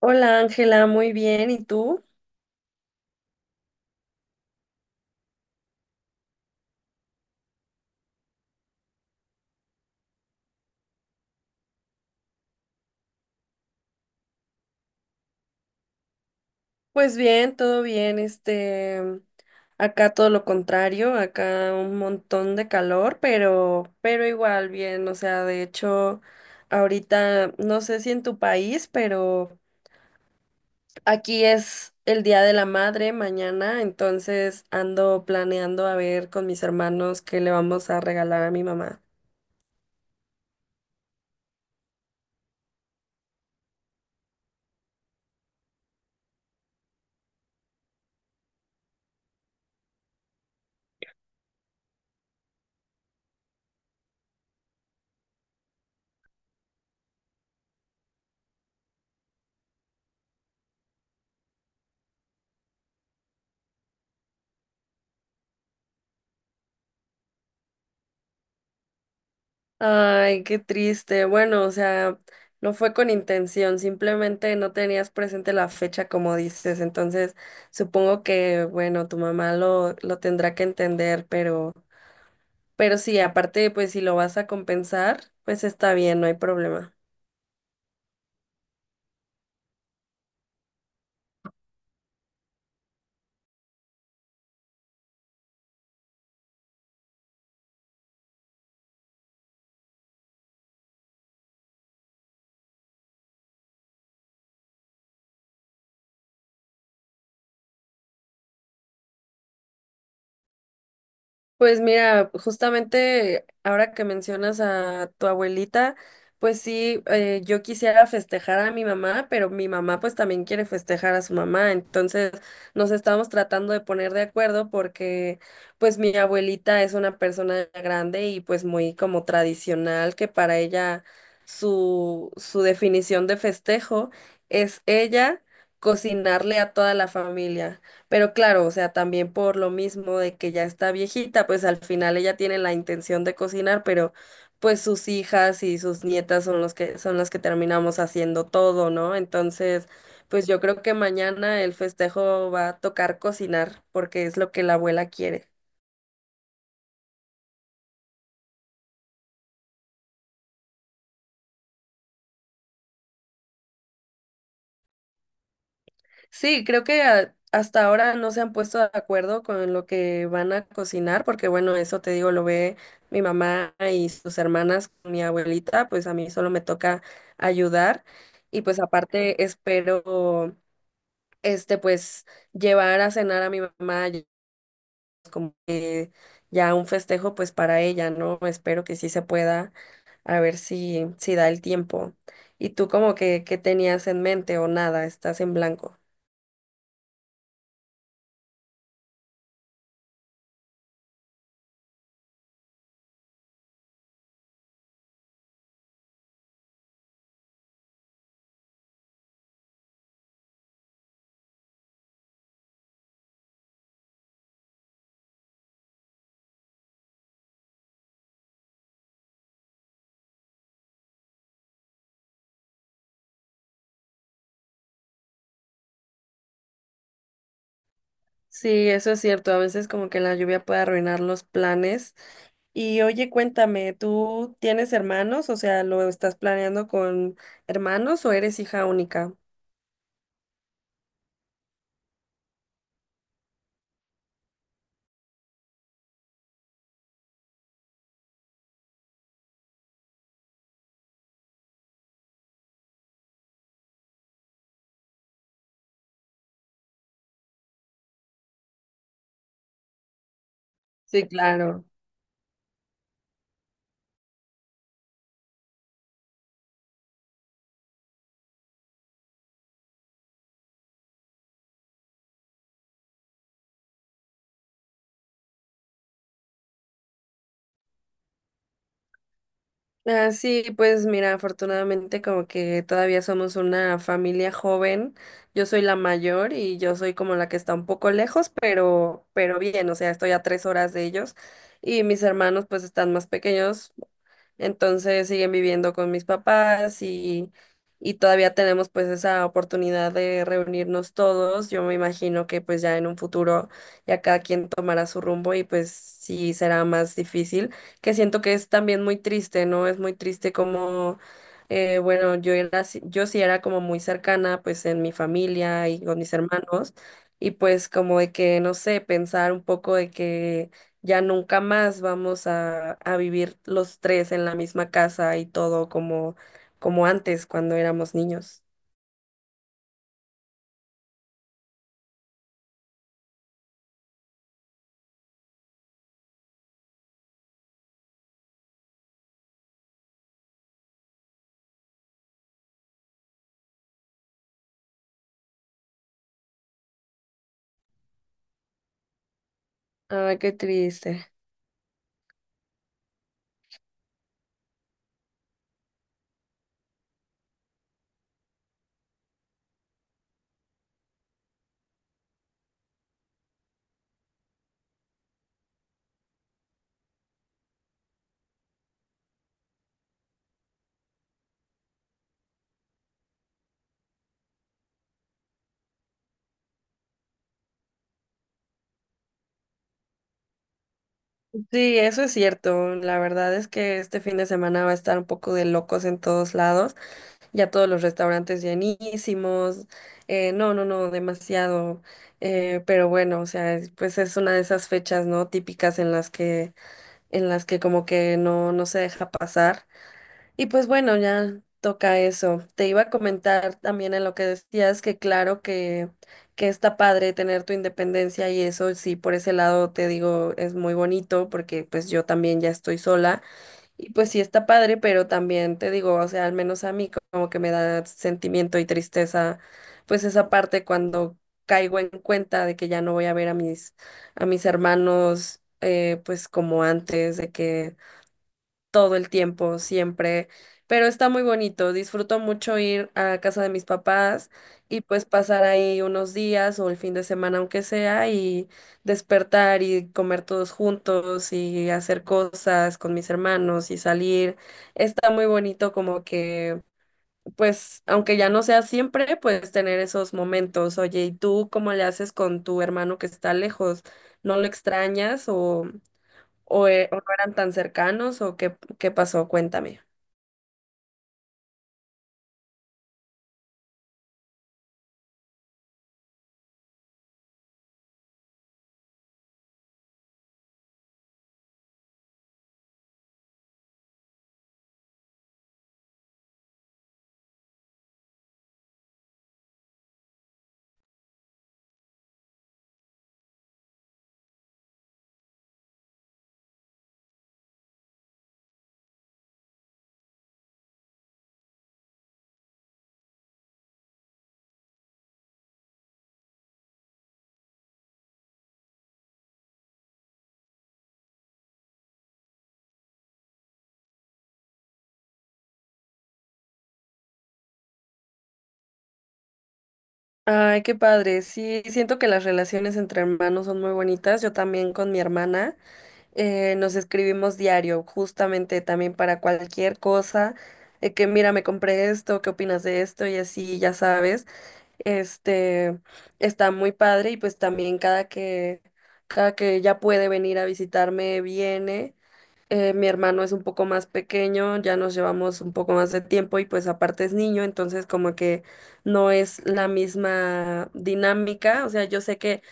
Hola Ángela, muy bien. ¿Y tú? Pues bien, todo bien. Acá todo lo contrario, acá un montón de calor, pero igual bien. O sea, de hecho, ahorita no sé si en tu país, pero aquí es el Día de la Madre mañana, entonces ando planeando a ver con mis hermanos qué le vamos a regalar a mi mamá. Ay, qué triste. Bueno, o sea, no fue con intención, simplemente no tenías presente la fecha como dices. Entonces, supongo que, bueno, tu mamá lo tendrá que entender, pero sí, aparte, pues si lo vas a compensar, pues está bien, no hay problema. Pues mira, justamente ahora que mencionas a tu abuelita, pues sí, yo quisiera festejar a mi mamá, pero mi mamá pues también quiere festejar a su mamá, entonces nos estamos tratando de poner de acuerdo porque pues mi abuelita es una persona grande y pues muy como tradicional, que para ella su definición de festejo es ella cocinarle a toda la familia. Pero claro, o sea, también por lo mismo de que ya está viejita, pues al final ella tiene la intención de cocinar, pero pues sus hijas y sus nietas son los que son las que terminamos haciendo todo, ¿no? Entonces, pues yo creo que mañana el festejo va a tocar cocinar porque es lo que la abuela quiere. Sí, creo que hasta ahora no se han puesto de acuerdo con lo que van a cocinar, porque bueno, eso te digo, lo ve mi mamá y sus hermanas, mi abuelita, pues a mí solo me toca ayudar. Y pues aparte espero, este, pues llevar a cenar a mi mamá, y como que ya un festejo, pues para ella, ¿no? Espero que sí se pueda, a ver si da el tiempo. ¿Y tú como que, qué tenías en mente o nada? Estás en blanco. Sí, eso es cierto. A veces como que la lluvia puede arruinar los planes. Y oye, cuéntame, ¿tú tienes hermanos? O sea, ¿lo estás planeando con hermanos o eres hija única? Sí, claro. Ah, sí, pues mira, afortunadamente como que todavía somos una familia joven. Yo soy la mayor y yo soy como la que está un poco lejos, pero bien, o sea, estoy a 3 horas de ellos. Y mis hermanos pues están más pequeños. Entonces siguen viviendo con mis papás y todavía tenemos pues esa oportunidad de reunirnos todos. Yo me imagino que pues ya en un futuro ya cada quien tomará su rumbo y pues sí será más difícil, que siento que es también muy triste, ¿no? Es muy triste como, bueno, yo sí era como muy cercana pues en mi familia y con mis hermanos y pues como de que, no sé, pensar un poco de que ya nunca más vamos a vivir los tres en la misma casa y todo como, como antes cuando éramos niños. Ay, qué triste. Sí, eso es cierto. La verdad es que este fin de semana va a estar un poco de locos en todos lados. Ya todos los restaurantes llenísimos. No, no, no, demasiado. Pero bueno, o sea, pues es una de esas fechas, ¿no? Típicas en las que como que no, no se deja pasar. Y pues bueno, ya toca eso. Te iba a comentar también en lo que decías que claro que está padre tener tu independencia y eso sí, por ese lado te digo, es muy bonito porque pues yo también ya estoy sola y pues sí está padre, pero también te digo, o sea, al menos a mí como que me da sentimiento y tristeza pues esa parte cuando caigo en cuenta de que ya no voy a ver a mis hermanos, pues como antes, de que todo el tiempo, siempre, pero está muy bonito. Disfruto mucho ir a casa de mis papás y pues pasar ahí unos días o el fin de semana aunque sea y despertar y comer todos juntos y hacer cosas con mis hermanos y salir. Está muy bonito como que, pues, aunque ya no sea siempre, pues tener esos momentos. Oye, ¿y tú cómo le haces con tu hermano que está lejos? ¿No lo extrañas o... o, o no eran tan cercanos o qué, qué pasó? Cuéntame. Ay, qué padre. Sí, siento que las relaciones entre hermanos son muy bonitas. Yo también con mi hermana, nos escribimos diario, justamente también para cualquier cosa, de que mira, me compré esto, ¿qué opinas de esto? Y así, ya sabes, este, está muy padre y pues también cada que ya puede venir a visitarme, viene. Mi hermano es un poco más pequeño, ya nos llevamos un poco más de tiempo y pues aparte es niño, entonces como que no es la misma dinámica. O sea, yo sé que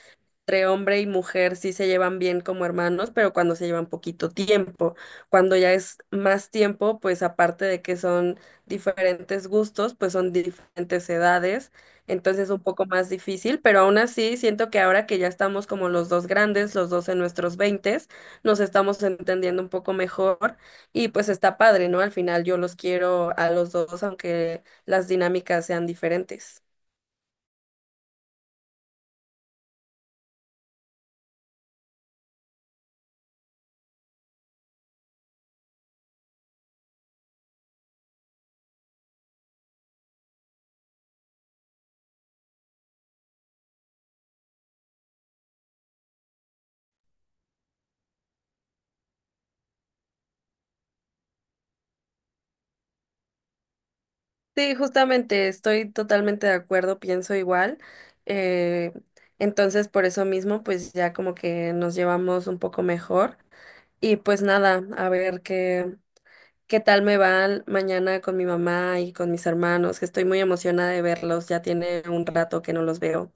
entre hombre y mujer sí se llevan bien como hermanos, pero cuando se llevan poquito tiempo. Cuando ya es más tiempo, pues aparte de que son diferentes gustos, pues son diferentes edades, entonces es un poco más difícil, pero aún así siento que ahora que ya estamos como los dos grandes, los dos en nuestros veintes, nos estamos entendiendo un poco mejor y pues está padre, ¿no? Al final yo los quiero a los dos, aunque las dinámicas sean diferentes. Sí, justamente estoy totalmente de acuerdo, pienso igual. eh, entonces, por eso mismo, pues ya como que nos llevamos un poco mejor. Y pues nada, a ver qué tal me van mañana con mi mamá y con mis hermanos, que estoy muy emocionada de verlos, ya tiene un rato que no los veo.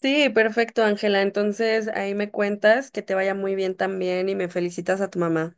Sí, perfecto, Ángela. Entonces, ahí me cuentas que te vaya muy bien también y me felicitas a tu mamá.